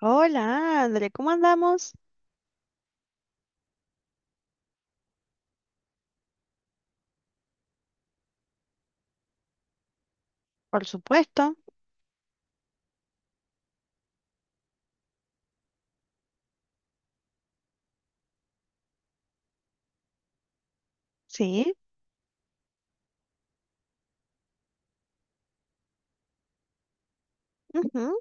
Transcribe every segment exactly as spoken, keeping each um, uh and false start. Hola, André, ¿cómo andamos? Por supuesto, sí. Ujú.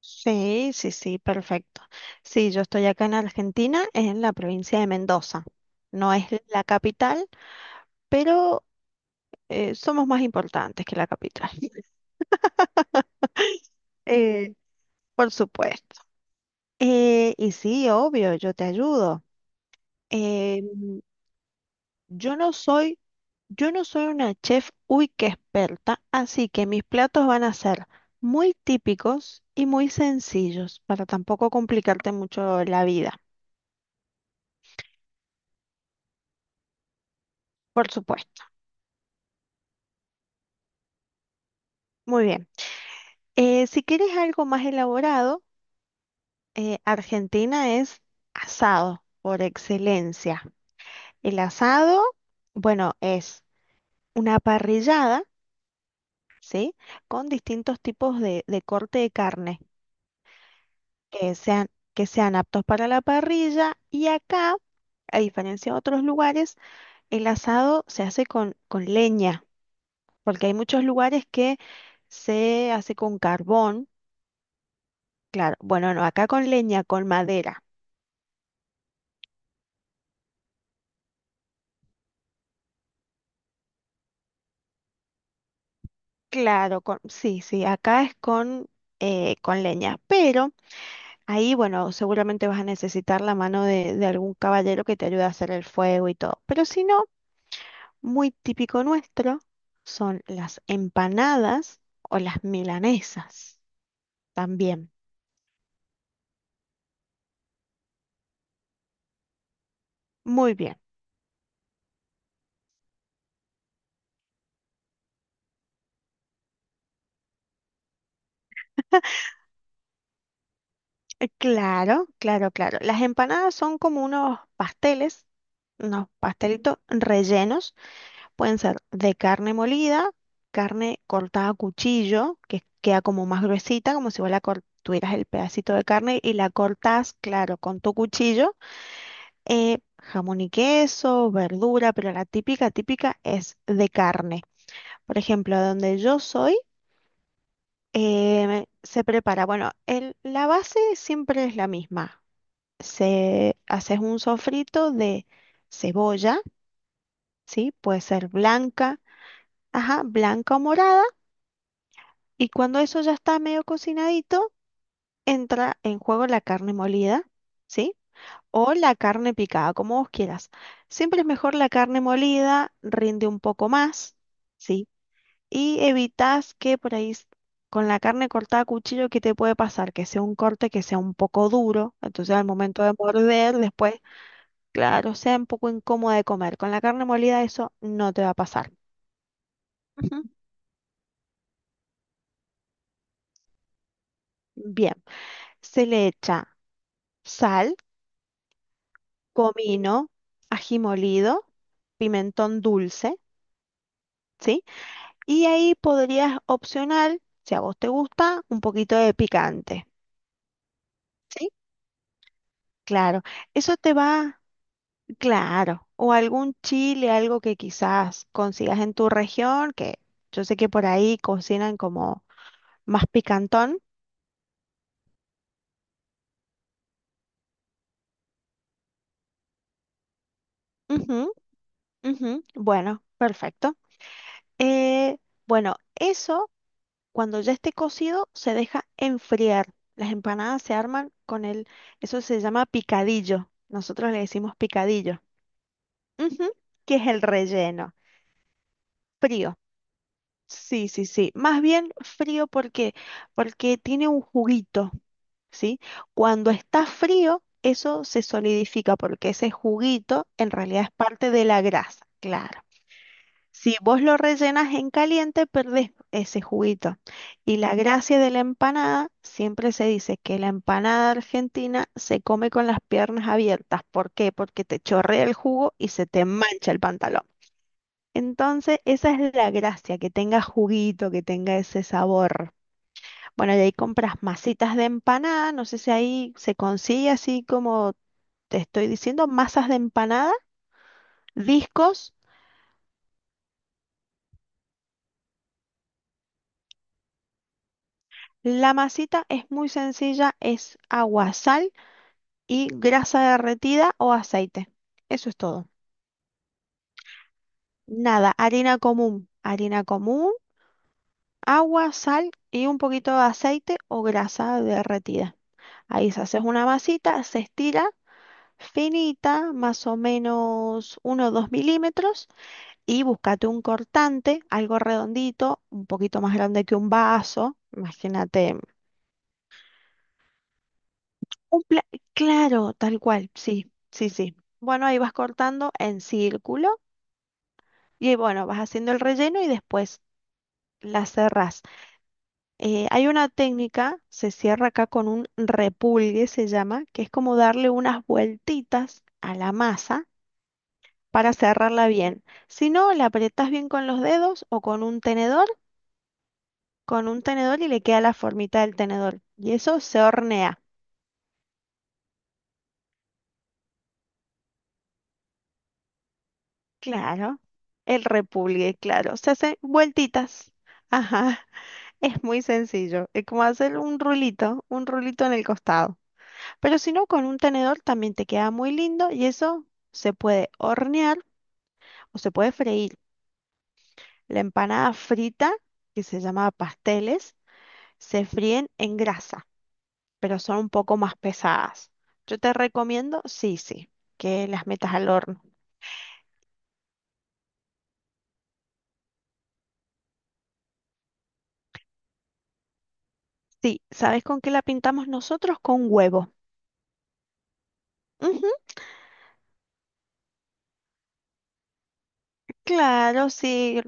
Sí, sí, sí, perfecto. Sí, yo estoy acá en Argentina, en la provincia de Mendoza. No es la capital, pero eh, somos más importantes que la capital. Eh, por supuesto. Eh, y sí, obvio, yo te ayudo. Eh, yo no soy Yo no soy una chef uy que experta, así que mis platos van a ser muy típicos y muy sencillos para tampoco complicarte mucho la vida, por supuesto. Muy bien. Eh, si quieres algo más elaborado, eh, Argentina es asado por excelencia. El asado, bueno, es una parrillada, ¿sí? Con distintos tipos de de corte de carne. que sean, que sean aptos para la parrilla y acá, a diferencia de otros lugares, el asado se hace con, con leña, porque hay muchos lugares que se hace con carbón, claro, bueno, no, acá con leña, con madera, claro, con, sí, sí, acá es con, eh, con leña, pero ahí, bueno, seguramente vas a necesitar la mano de, de algún caballero que te ayude a hacer el fuego y todo, pero si no... muy típico nuestro son las empanadas o las milanesas también. Muy bien. Eh, Claro, claro, claro. Las empanadas son como unos pasteles, unos pastelitos rellenos. Pueden ser de carne molida, carne cortada a cuchillo, que queda como más gruesita, como si vos la cor- tuvieras el pedacito de carne y la cortás, claro, con tu cuchillo. Eh, jamón y queso, verdura, pero la típica, típica es de carne. Por ejemplo, donde yo soy, eh, se prepara, bueno, el- la base siempre es la misma. Se haces un sofrito de cebolla, ¿sí? Puede ser blanca, ajá, blanca o morada, y cuando eso ya está medio cocinadito, entra en juego la carne molida, ¿sí? O la carne picada, como vos quieras. Siempre es mejor la carne molida, rinde un poco más, ¿sí? Y evitas que por ahí s- con la carne cortada a cuchillo, ¿qué te puede pasar? Que sea un corte que sea un poco duro, entonces al momento de morder, después, claro, sea un poco incómodo de comer. Con la carne molida eso no te va a pasar. Ujú. Bien, se le echa sal, comino, ají molido, pimentón dulce, ¿sí? Y ahí podrías opcional, si a vos te gusta, un poquito de picante. ¿Sí? Claro, eso te va Claro, o algún chile, algo que quizás consigas en tu región, que yo sé que por ahí cocinan como más picantón. Ujú, ujú. Bueno, perfecto. Eh, bueno, eso cuando ya esté cocido se deja enfriar. Las empanadas se arman con el, eso se llama picadillo. Nosotros le decimos picadillo, Ujú, que es el relleno. Frío. Sí, sí, sí. Más bien frío porque, porque tiene un juguito. ¿Sí? Cuando está frío, eso se solidifica porque ese juguito en realidad es parte de la grasa, claro. Si vos lo rellenas en caliente, perdés ese juguito. Y la gracia de la empanada, siempre se dice que la empanada argentina se come con las piernas abiertas. ¿Por qué? Porque te chorrea el jugo y se te mancha el pantalón. Entonces, esa es la gracia, que tenga juguito, que tenga ese sabor. Bueno, y ahí compras masitas de empanada, no sé si ahí se consigue así como te estoy diciendo, masas de empanada, discos. La masita es muy sencilla, es agua, sal y grasa derretida o aceite. Eso es todo. Nada, harina común, harina común, agua, sal y un poquito de aceite o grasa derretida. Ahí se hace una masita, se estira finita, más o menos uno o dos milímetros y búscate un cortante, algo redondito, un poquito más grande que un vaso, imagínate, un pla- claro, tal cual, sí, sí, sí. Bueno, ahí vas cortando en círculo y bueno, vas haciendo el relleno y después la cerrás. Eh, hay una técnica, se cierra acá con un repulgue, se llama, que es como darle unas vueltitas a la masa para cerrarla bien. Si no, la apretas bien con los dedos o con un tenedor con un tenedor y le queda la formita del tenedor. Y eso se hornea. Claro. El repulgue, claro. Se hace vueltitas. Ajá. Es muy sencillo. Es como hacer un rulito, un rulito en el costado. Pero si no, con un tenedor también te queda muy lindo y eso se puede hornear o se puede freír. La empanada frita, que se llama pasteles, se fríen en grasa, pero son un poco más pesadas. Yo te recomiendo, sí, sí, que las metas al horno. Sí, ¿sabes con qué la pintamos nosotros? Con huevo. Ujú, claro, sí,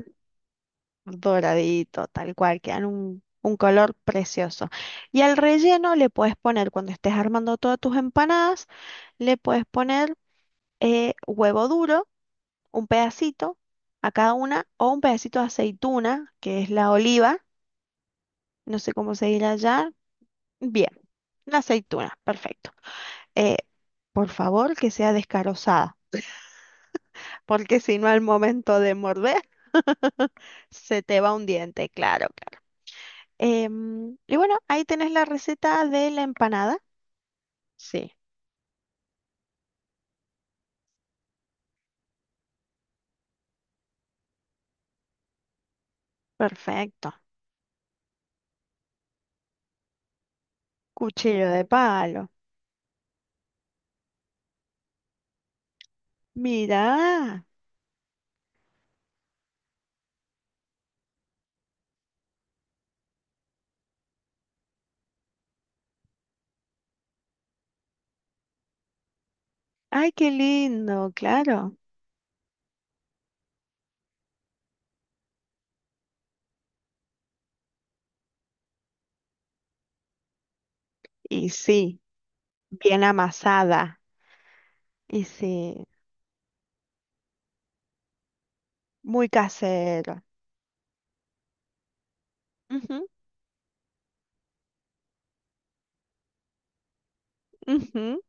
doradito, tal cual, quedan un, un color precioso. Y al relleno le puedes poner, cuando estés armando todas tus empanadas, le puedes poner eh, huevo duro, un pedacito a cada una, o un pedacito de aceituna, que es la oliva, no sé cómo se dirá allá. Bien, la aceituna, perfecto. Eh, por favor, que sea descarozada, porque si no, al momento de morder. Se te va un diente, claro, claro. Em, y bueno, ahí tenés la receta de la empanada. Sí, perfecto. Cuchillo de palo. Mirá. Ay, qué lindo, claro. Y sí, bien amasada. Y sí, muy casero. Ujú, ujú.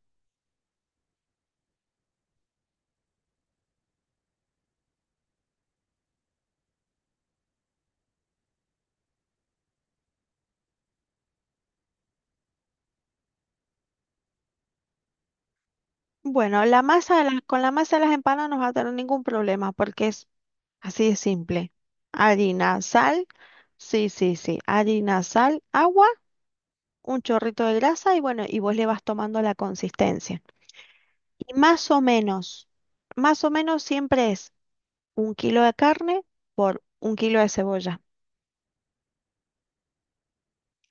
Bueno, la masa, de las- con la masa de las empanadas no vas a tener ningún problema porque es así de simple. Harina, sal. Sí, sí, sí. Harina, sal, agua. Un chorrito de grasa y bueno, y vos le vas tomando la consistencia. Y más o menos, más o menos siempre es un kilo de carne por un kilo de cebolla.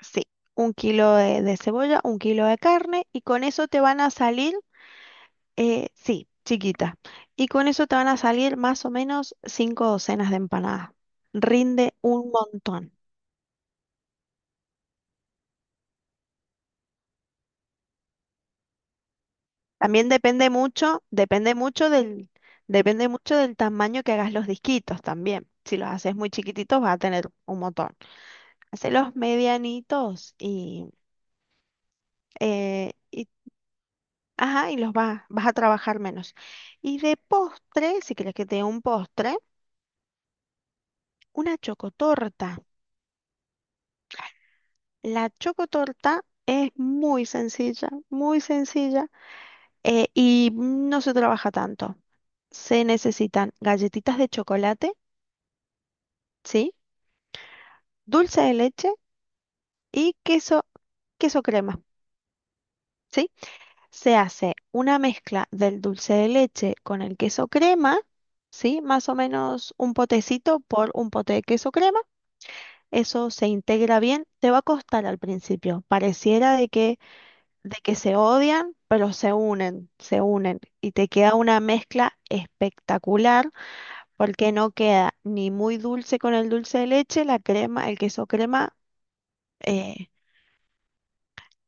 Sí, un kilo de, de cebolla, un kilo de carne y con eso te van a salir, eh, sí, chiquita. Y con eso te van a salir más o menos cinco docenas de empanadas. Rinde un montón. También depende mucho, depende mucho del, depende mucho del tamaño que hagas los disquitos también. Si los haces muy chiquititos vas a tener un montón. Hacelos medianitos y, eh, y, ajá, y los vas, vas a trabajar menos. Y de postre, si quieres que te dé un postre, una chocotorta. La chocotorta es muy sencilla, muy sencilla, eh, y no se trabaja tanto. Se necesitan galletitas de chocolate, ¿sí? Dulce de leche y queso, queso crema, ¿sí? Se hace una mezcla del dulce de leche con el queso crema, ¿sí? Más o menos un potecito por un pote de queso crema. Eso se integra bien. Te va a costar al principio. Pareciera de que, de que se odian, pero se unen, se unen y te queda una mezcla espectacular porque no queda ni muy dulce con el dulce de leche, la crema, el queso crema. eh,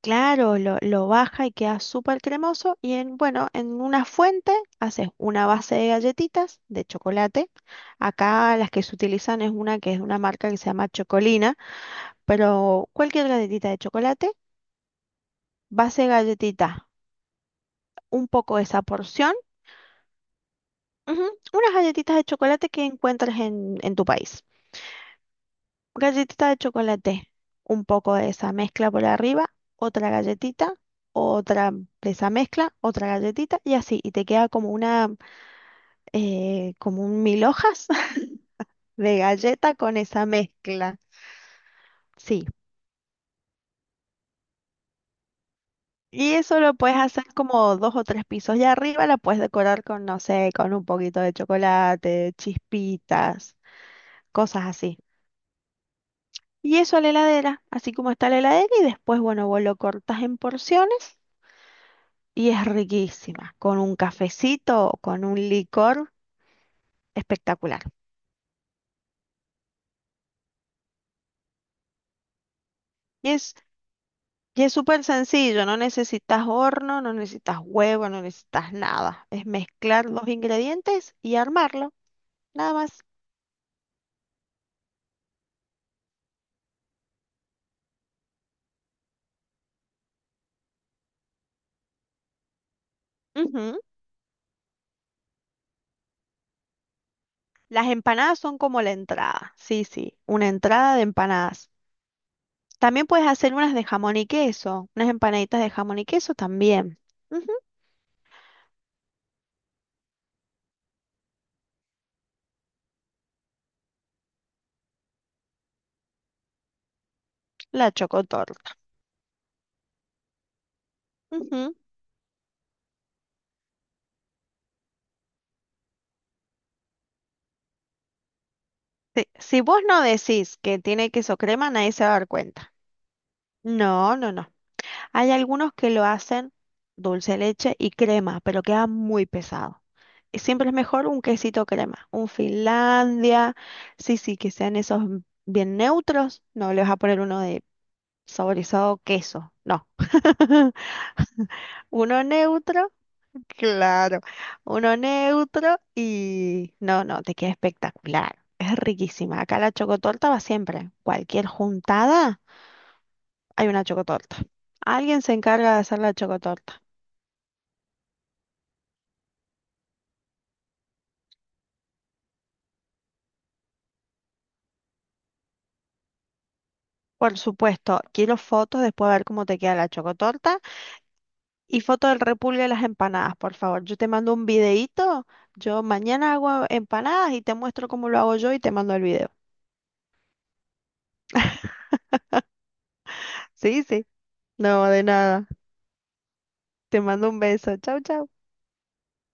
Claro, lo, lo baja y queda súper cremoso. Y en, bueno, en una fuente haces una base de galletitas de chocolate. Acá las que se utilizan es una que es de una marca que se llama Chocolina, pero cualquier galletita de chocolate, base de galletita, un poco de esa porción, ujú, unas galletitas de chocolate que encuentres en, en tu país. Galletita de chocolate, un poco de esa mezcla por arriba, otra galletita, otra de esa mezcla, otra galletita y así, y te queda como una eh, como un mil hojas de galleta con esa mezcla. Sí. Y eso lo puedes hacer como dos o tres pisos y arriba la puedes decorar con, no sé, con un poquito de chocolate, chispitas, cosas así. Y eso a la heladera, así como está la heladera, y después, bueno, vos lo cortas en porciones y es riquísima, con un cafecito o con un licor espectacular. Y es Y es súper sencillo, no necesitas horno, no necesitas huevo, no necesitas nada. Es mezclar los ingredientes y armarlo, nada más. Ujú. Las empanadas son como la entrada, sí, sí, una entrada de empanadas. También puedes hacer unas de jamón y queso, unas empanaditas de jamón y queso también. Ujú. La chocotorta. Ujú. Sí, si vos no decís que tiene queso crema, nadie se va a dar cuenta. No, no, no. Hay algunos que lo hacen dulce de leche y crema, pero queda muy pesado. Y siempre es mejor un quesito crema, un Finlandia, sí, sí, que sean esos bien neutros. No le vas a poner uno de saborizado queso, no. Uno neutro, claro, uno neutro y no, no, te queda espectacular. Es riquísima. Acá la chocotorta va siempre. Cualquier juntada, hay una chocotorta. Alguien se encarga de hacer la chocotorta. Por supuesto, quiero fotos después a ver cómo te queda la chocotorta y foto del repulgue de las empanadas, por favor. Yo te mando un videíto, yo mañana hago empanadas y te muestro cómo lo hago yo y te mando el video. Sí, sí, no, de nada. Te mando un beso. Chau, chau.